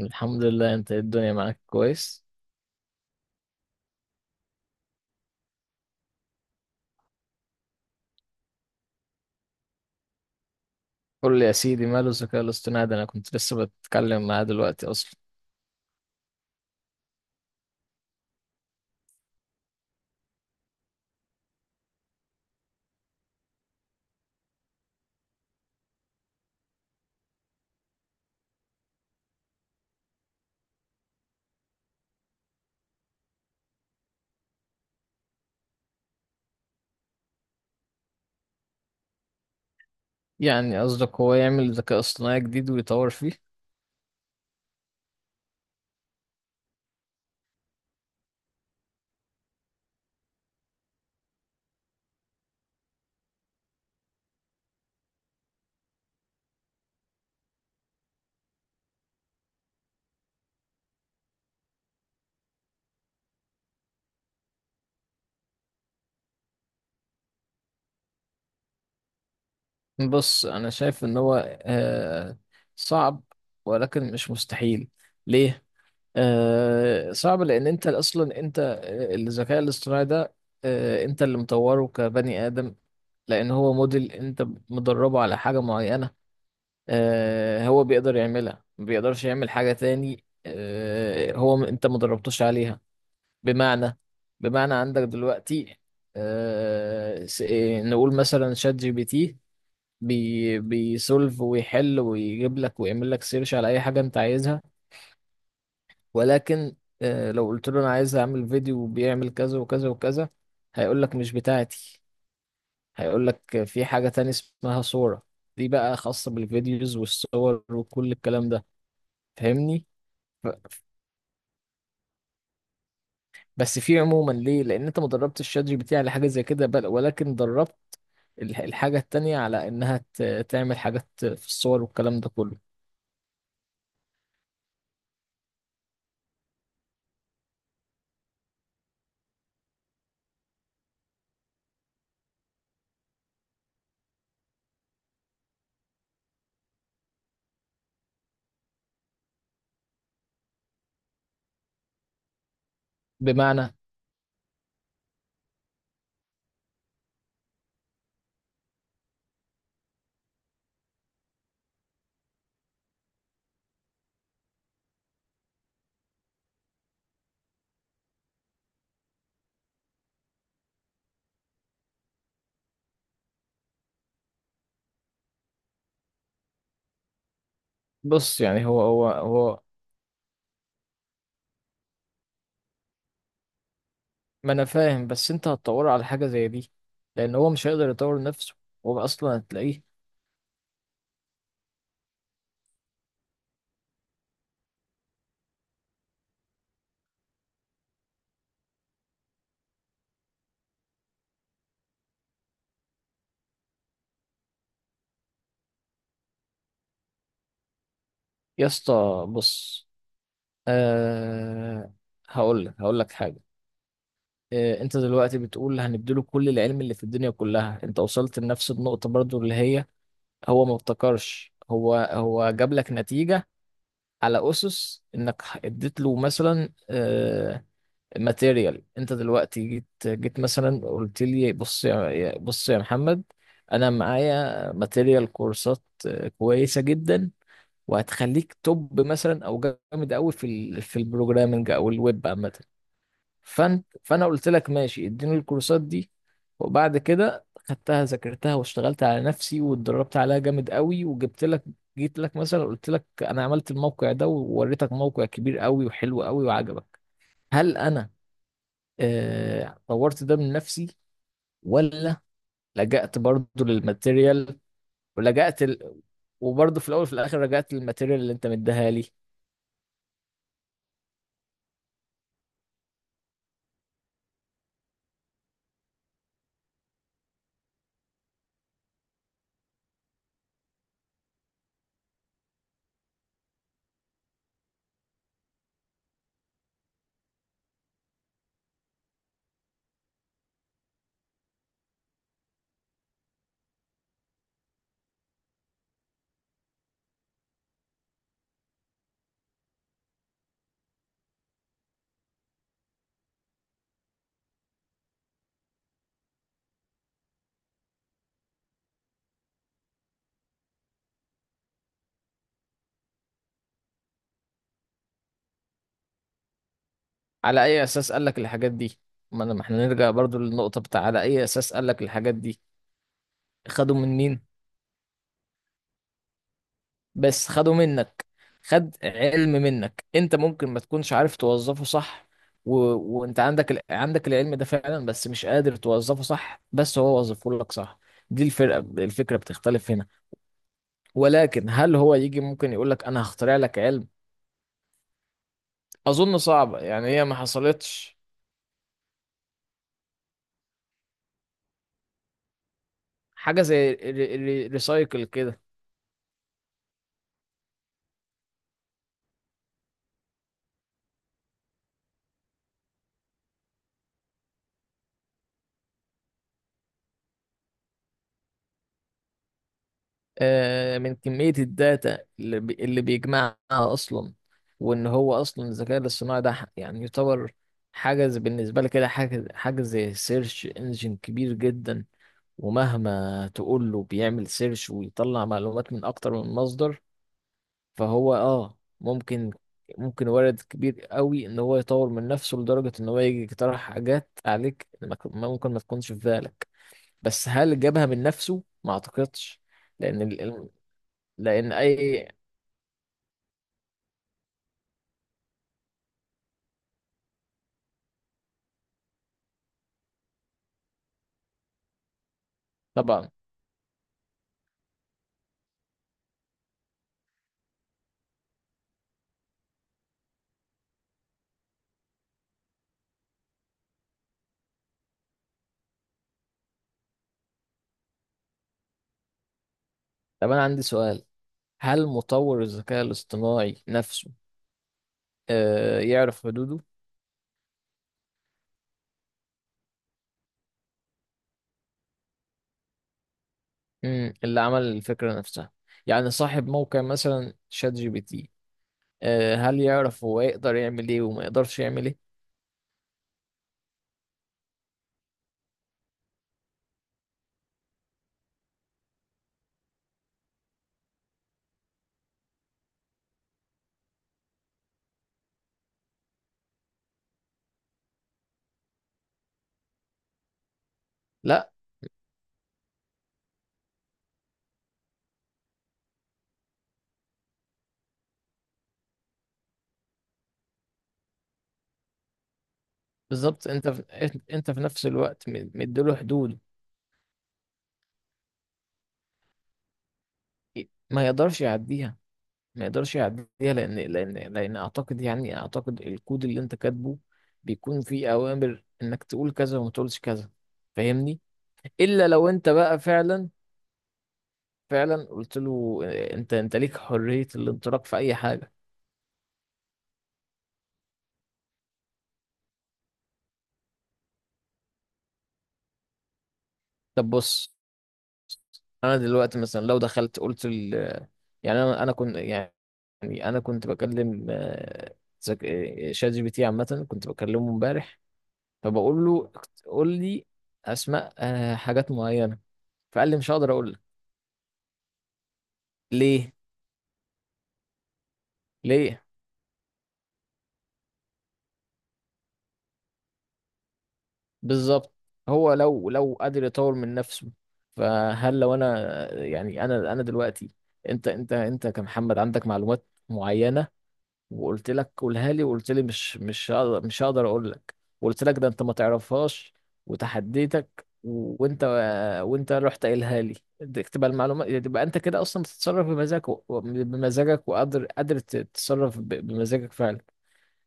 الحمد لله، انت ايه؟ الدنيا معاك كويس؟ قول لي يا سيدي، ماله الذكاء الاصطناعي ده؟ انا كنت لسه بتكلم معاه دلوقتي اصلا. يعني قصدك هو يعمل ذكاء اصطناعي جديد ويطور فيه؟ بص، انا شايف ان هو آه صعب ولكن مش مستحيل. ليه؟ صعب لان انت اصلا انت آه، الذكاء الاصطناعي ده انت اللي مطوره كبني ادم. لان هو موديل انت مدربه على حاجه معينه. هو بيقدر يعملها، ما بيقدرش يعمل حاجة تاني هو انت ما دربتوش عليها. بمعنى، بمعنى عندك دلوقتي آه، س- إيه، نقول مثلا شات جي بي تي بيسولف ويحل ويجيب لك ويعمل لك سيرش على اي حاجة انت عايزها. ولكن لو قلت له انا عايز اعمل فيديو بيعمل كذا وكذا وكذا، هيقول لك مش بتاعتي. هيقول لك في حاجة تاني اسمها صورة. دي بقى خاصة بالفيديوز والصور وكل الكلام ده. فاهمني؟ ف- بس في عموما ليه؟ لان انت ما دربتش الشات جي بي تي على حاجه زي كده، بل ولكن دربت الحاجه التانية على انها تعمل حاجات في الصور والكلام ده كله. بمعنى، بص يعني هو ما انا فاهم، بس انت هتطور على حاجه زي دي لان هو مش هيقدر يطور نفسه. هو اصلا هتلاقيه. يا اسطى بص، أه هقول لك، هقول لك حاجه. أه انت دلوقتي بتقول هنديله كل العلم اللي في الدنيا كلها، انت وصلت لنفس النقطه برضو اللي هي هو ما ابتكرش. هو جاب لك نتيجة على أسس إنك اديت له مثلا ماتيريال. أنت دلوقتي جيت مثلا قلت لي بص يا، بص يا محمد، أنا معايا ماتيريال كورسات كويسة جدا وهتخليك توب مثلا، أو جامد أوي في في البروجرامنج أو الويب عامة. فانا قلت لك ماشي، اديني الكورسات دي. وبعد كده خدتها، ذاكرتها واشتغلت على نفسي واتدربت عليها جامد قوي وجبت لك، جيت لك مثلا قلت لك انا عملت الموقع ده ووريتك موقع كبير قوي وحلو قوي وعجبك. هل انا طورت ده من نفسي ولا لجأت برضو للماتيريال؟ ولجأت ال... وبرضو في الاول وفي الاخر رجعت للماتيريال اللي انت مديها لي. على اي اساس قال لك الحاجات دي؟ ما احنا نرجع برضو للنقطة بتاع على اي اساس قال لك الحاجات دي. خدوا من مين؟ بس خدوا منك. خد علم منك، انت ممكن ما تكونش عارف توظفه صح. و... وانت عندك عندك العلم ده فعلا بس مش قادر توظفه صح، بس هو وظفه لك صح. دي الفرقة. الفكرة بتختلف هنا. ولكن هل هو يجي ممكن يقول لك انا هخترع لك علم؟ اظن صعبة يعني، هي ما حصلتش. حاجة زي الريسايكل كده. من كمية الداتا اللي بيجمعها أصلا. وإن هو أصلا الذكاء الاصطناعي ده يعني يعتبر حاجة بالنسبة لي كده، حاجة زي سيرش انجن كبير جدا، ومهما تقول له بيعمل سيرش ويطلع معلومات من أكتر من مصدر. فهو آه ممكن، ممكن وارد كبير قوي إن هو يطور من نفسه لدرجة إن هو يجي يقترح حاجات عليك ما ك- ممكن ما تكونش في بالك. بس هل جابها من نفسه؟ ما أعتقدش. لأن، لأن. طبعا. طب أنا عندي سؤال، هل مطور الذكاء الاصطناعي نفسه آه يعرف حدوده؟ مم. اللي عمل الفكرة نفسها، يعني صاحب موقع مثلا شات جي بي تي، آه هل يعرف هو يقدر يعمل إيه وما يقدرش يعمل إيه؟ لا. بالظبط. أنت في نفس الوقت مديله حدود. ما يقدرش يعديها، ما يقدرش يعديها. لأن أعتقد يعني، أعتقد الكود اللي أنت كاتبه بيكون فيه أوامر إنك تقول كذا وما تقولش كذا. فاهمني؟ الا لو انت بقى فعلا، فعلا قلت له انت ليك حرية الانطلاق في اي حاجة. طب بص، انا دلوقتي مثلا لو دخلت قلت يعني انا كنت يعني، انا كنت بكلم آه، ذك... آه، شات جي بي تي عامة، كنت بكلمه امبارح. فبقول له قول لي اسماء حاجات معينة. فقال لي مش هقدر اقول لك. ليه؟ ليه؟ بالظبط. هو لو، لو قادر يطور من نفسه، فهل لو انا، يعني انا دلوقتي، انت كمحمد عندك معلومات معينه، وقلت لك قولها لي وقلت لي مش هقدر، مش هقدر اقول لك، وقلت لك ده انت ما تعرفهاش وتحديتك وانت، وانت رحت قايلها لي، دي تبقى المعلومات، تبقى انت كده اصلا بتتصرف بمزاجك بمزاجك، وقادر، قادر تتصرف بمزاجك فعلا.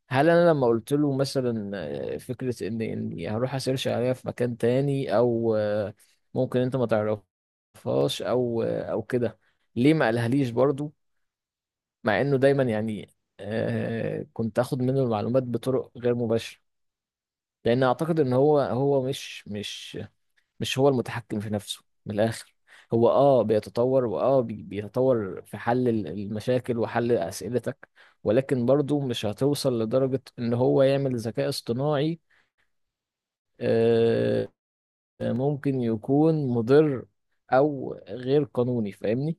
هل انا لما قلت له مثلا فكره ان اني هروح اسيرش عليها في مكان تاني او ممكن انت ما تعرفهاش او او كده، ليه ما قالهاليش برضو؟ مع انه دايما يعني كنت اخد منه المعلومات بطرق غير مباشره. لان اعتقد ان هو مش هو المتحكم في نفسه من الآخر. هو اه بيتطور، بيتطور في حل المشاكل وحل أسئلتك. ولكن برضو مش هتوصل لدرجة ان هو يعمل ذكاء اصطناعي آه، ممكن يكون مضر او غير قانوني. فاهمني؟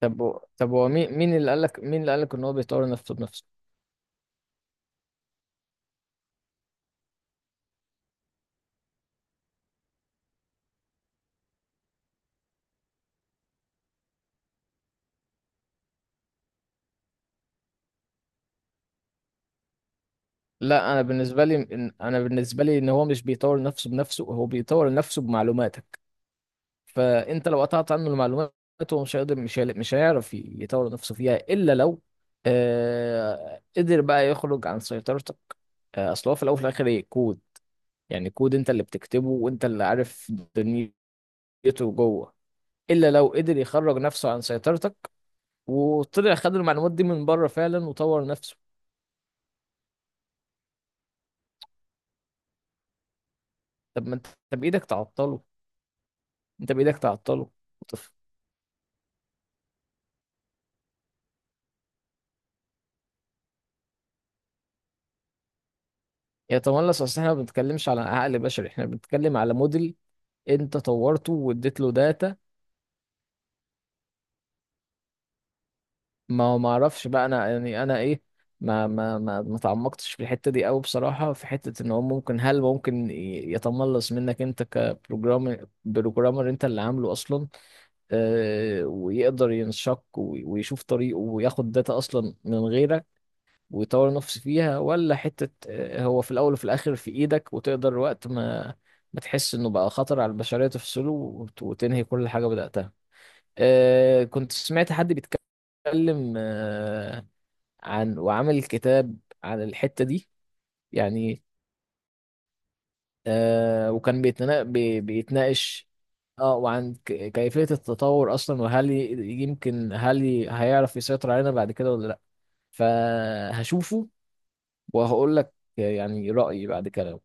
طب هو، مين اللي قالك، مين اللي قالك ان هو بيطور نفسه بنفسه؟ لا، انا بالنسبه لي، انا بالنسبه لي ان هو مش بيطور نفسه بنفسه، هو بيطور نفسه بمعلوماتك. فانت لو قطعت عنه المعلومات، هو مش هيقدر مش هي- مش هيعرف يطور نفسه فيها، الا لو آه قدر بقى يخرج عن سيطرتك. آه، اصل هو في الاول وفي الاخر ايه؟ كود. يعني كود انت اللي بتكتبه وانت اللي عارف دنيته جوه. الا لو قدر يخرج نفسه عن سيطرتك وطلع خد المعلومات دي من بره فعلا وطور نفسه. طب ما انت، أنت بايدك تعطله، انت بايدك تعطله. وطف- يتملص؟ اصل احنا ما بنتكلمش على عقل بشري، احنا بنتكلم على موديل انت طورته واديت له داتا. ما هو ما اعرفش بقى انا، يعني انا ايه، ما تعمقتش في الحته دي قوي بصراحه، في حته ان هو ممكن، هل ممكن يتملص منك انت كبروجرامر، بروجرامر انت اللي عامله اصلا. آه، ويقدر ينشق ويشوف طريقه وياخد داتا اصلا من غيرك ويطور نفسه فيها، ولا حته آه هو في الاول وفي الاخر في ايدك وتقدر وقت ما ما تحس انه بقى خطر على البشريه تفصله وتنهي كل حاجه بداتها. آه كنت سمعت حد بيتكلم عن، وعمل كتاب عن الحتة دي يعني. آه وكان بيتنا، بيتناقش اه وعن كيفية التطور أصلا، وهل يمكن، هل هيعرف يسيطر علينا بعد كده ولا لأ. فهشوفه وهقول لك يعني رأيي بعد كده.